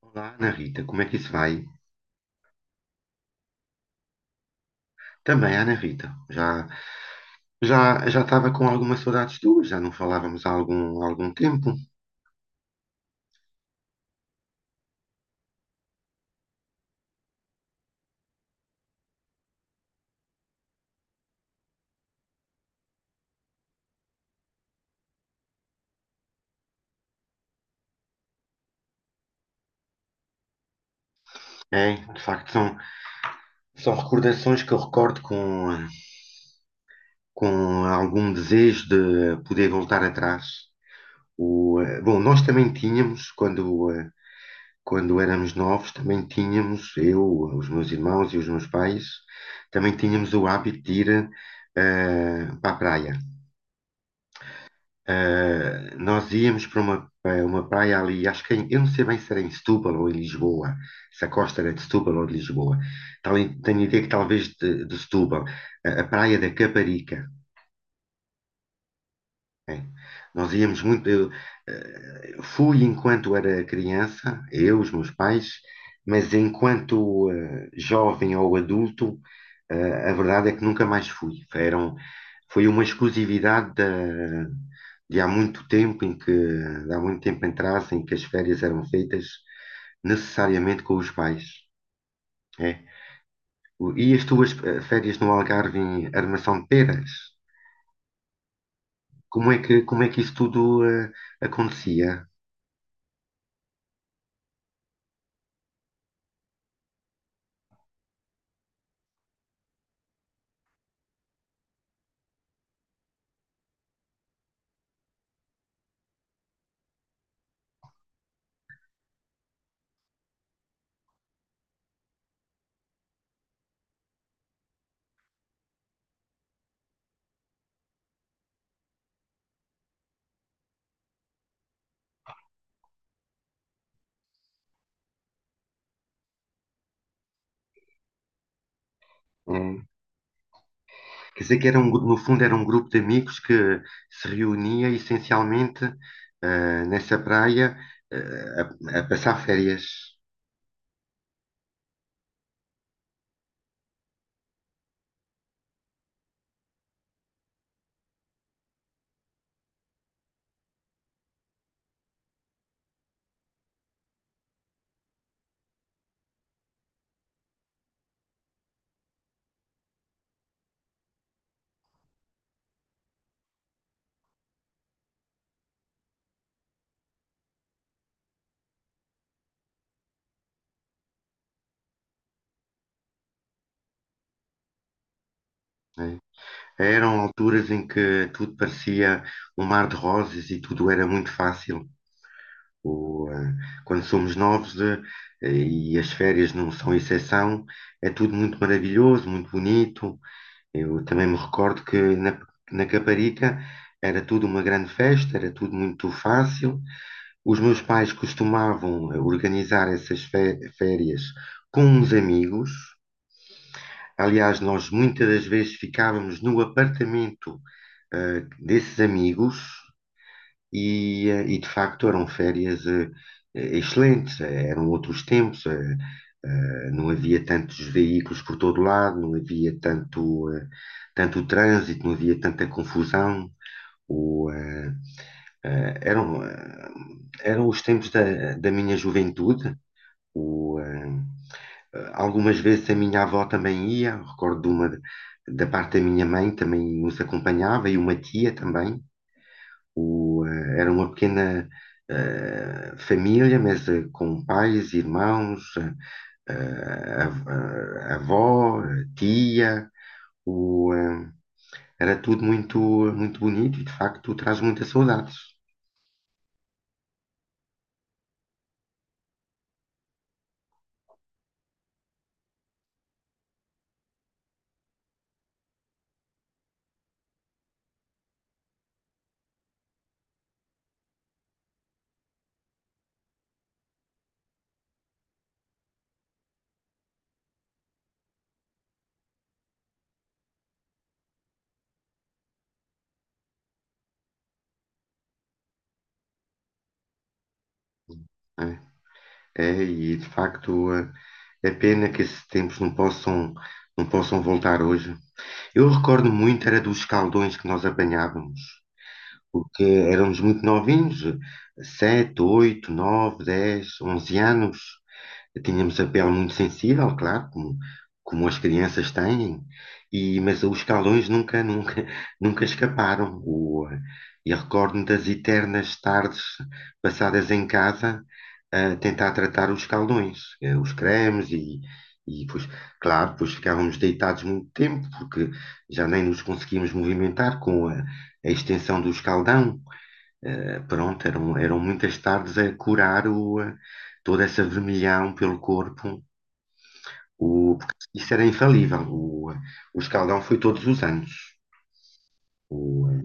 Olá, Ana Rita, como é que isso vai? Também, Ana Rita, já estava com algumas saudades tuas, já não falávamos há algum tempo. É, de facto, são recordações que eu recordo com algum desejo de poder voltar atrás. Bom, nós também tínhamos, quando éramos novos, também tínhamos, eu, os meus irmãos e os meus pais, também tínhamos o hábito de ir para a praia. Nós íamos para uma praia ali, acho que eu não sei bem se era em Setúbal ou em Lisboa, se a costa era de Setúbal ou de Lisboa. Tal, Tenho a ideia que talvez de Setúbal, a praia da Caparica. É. Nós íamos muito. Fui enquanto era criança, eu, os meus pais, mas enquanto jovem ou adulto, a verdade é que nunca mais fui. Foi uma exclusividade de há muito de há muito tempo atrás, em que as férias eram feitas necessariamente com os pais. É. E as tuas férias no Algarve em Armação de Peras? Como é que isso tudo acontecia? É. Quer dizer que era no fundo era um grupo de amigos que se reunia essencialmente nessa praia eh, a passar férias. Né? Eram alturas em que tudo parecia um mar de rosas e tudo era muito fácil. O, eh, Quando somos novos e as férias não são exceção, é tudo muito maravilhoso, muito bonito. Eu também me recordo que na Caparica era tudo uma grande festa, era tudo muito fácil. Os meus pais costumavam organizar essas férias com uns amigos. Aliás, nós muitas das vezes ficávamos no apartamento, desses amigos e, de facto eram férias, excelentes, eram outros tempos, não havia tantos veículos por todo lado, não havia tanto trânsito, não havia tanta confusão. O, eh, eh, eram, eh, eram os tempos da minha juventude. O, eh, Algumas vezes a minha avó também ia, recordo de uma da parte da minha mãe também nos acompanhava e uma tia também. Era uma pequena família, mas com pais, irmãos, avó, tia. O, eh, Era tudo muito, muito bonito e de facto traz muitas saudades. Né? É, é, e de facto é pena que esses tempos não possam voltar hoje. Eu recordo muito, era dos caldões que nós apanhávamos, porque éramos muito novinhos, 7, 8, 9, 10, 11 anos. Tínhamos a pele muito sensível, claro, como as crianças têm, e, mas os calões nunca, nunca, nunca escaparam. E recordo-me das eternas tardes passadas em casa a tentar tratar os calões, os cremes e pois, claro, pois ficávamos deitados muito tempo porque já nem nos conseguíamos movimentar com a extensão do escaldão. Pronto, eram muitas tardes a curar toda essa vermelhão pelo corpo, porque isso era infalível. O escaldão foi todos os anos. O,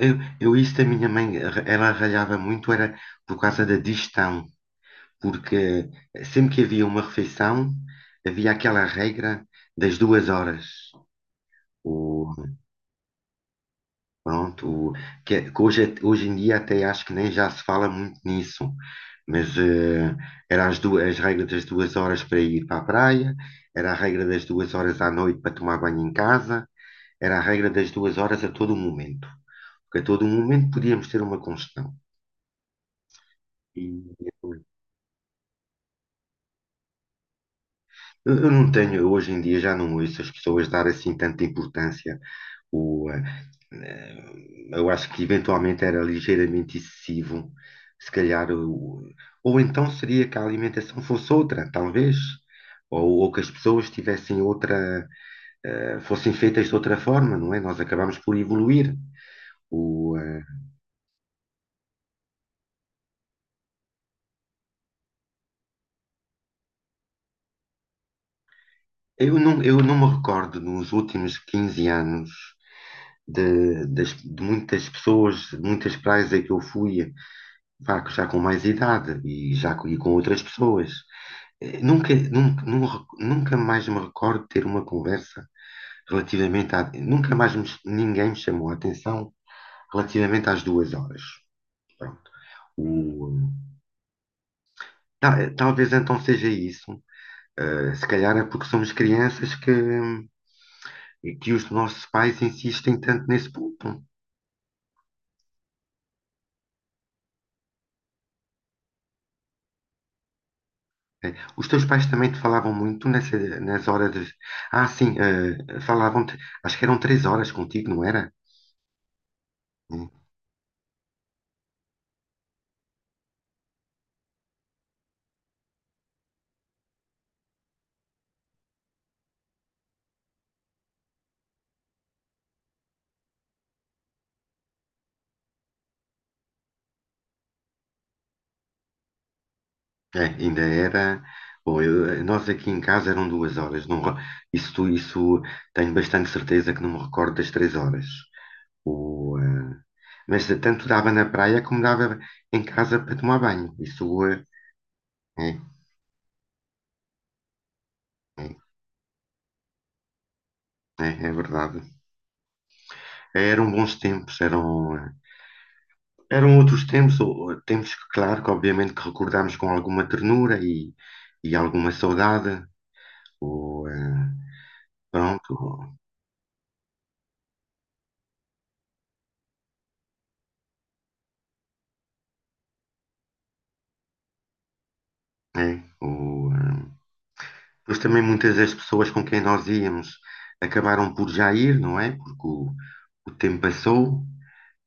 eu isso da minha mãe, ela ralhava muito, era por causa da digestão, porque sempre que havia uma refeição, havia aquela regra das 2 horas. O, pronto, o, que, é, que Hoje em dia até acho que nem já se fala muito nisso, mas era as regras das 2 horas para ir para a praia, era a regra das 2 horas à noite para tomar banho em casa. Era a regra das duas horas a todo momento. Porque a todo momento podíamos ter uma congestão. E eu, eu não tenho, hoje em dia já não ouço as pessoas dar assim tanta importância. O, eh, eh, eu acho que eventualmente era ligeiramente excessivo, se calhar. Ou então seria que a alimentação fosse outra, talvez. Ou que as pessoas tivessem outra, fossem feitas de outra forma, não é? Nós acabamos por evoluir. O, eh, eu não me recordo nos últimos 15 anos de muitas pessoas, de muitas praias a que eu fui, pá, que já com mais idade e e com outras pessoas. Nunca mais me recordo de ter uma conversa relativamente a. Nunca mais me- ch- Ninguém me chamou a atenção relativamente às 2 horas. Pronto. O, Talvez então seja isso. Se calhar é porque somos crianças que os nossos pais insistem tanto nesse ponto. É. Os teus pais também te falavam muito nas horas. Ah, sim, falavam-te. Acho que eram 3 horas contigo, não era? Hum. É, ainda era. Bom, nós aqui em casa eram 2 horas. Não, isso tenho bastante certeza que não me recordo das 3 horas. O, eh, mas tanto dava na praia como dava em casa para tomar banho. Isso é, é, é verdade. Eram bons tempos, eram. Eram outros tempos, ou tempos que, claro, que obviamente que recordamos com alguma ternura e alguma saudade. O, eh, Pronto, é, mas também muitas das pessoas com quem nós íamos acabaram por já ir, não é? Porque o tempo passou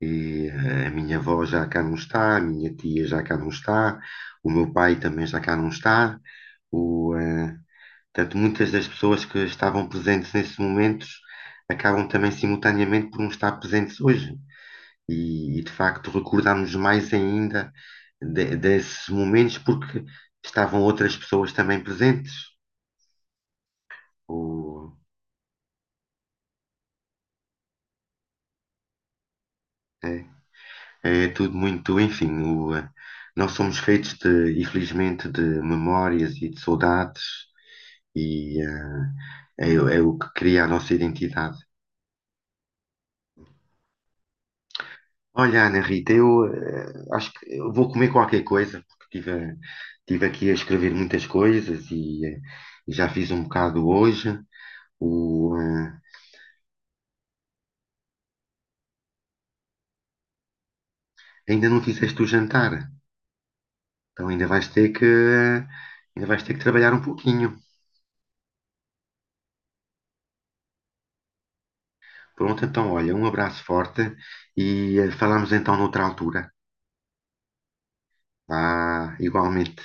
e a minha avó já cá não está, a minha tia já cá não está, o meu pai também já cá não está. O, eh, Portanto, muitas das pessoas que estavam presentes nesses momentos acabam também simultaneamente por não estar presentes hoje. E, de facto recordamos mais ainda desses momentos porque estavam outras pessoas também presentes. O, é, é tudo muito, enfim, nós somos feitos de, infelizmente, de memórias e de saudades e é o que cria a nossa identidade. Olha, Ana Rita, eu acho que eu vou comer qualquer coisa, porque tive aqui a escrever muitas coisas e já fiz um bocado hoje. O, eh, Ainda não fizeste o jantar, então ainda vais ter que trabalhar um pouquinho. Pronto, então olha, um abraço forte e falamos então noutra altura. Vá, igualmente.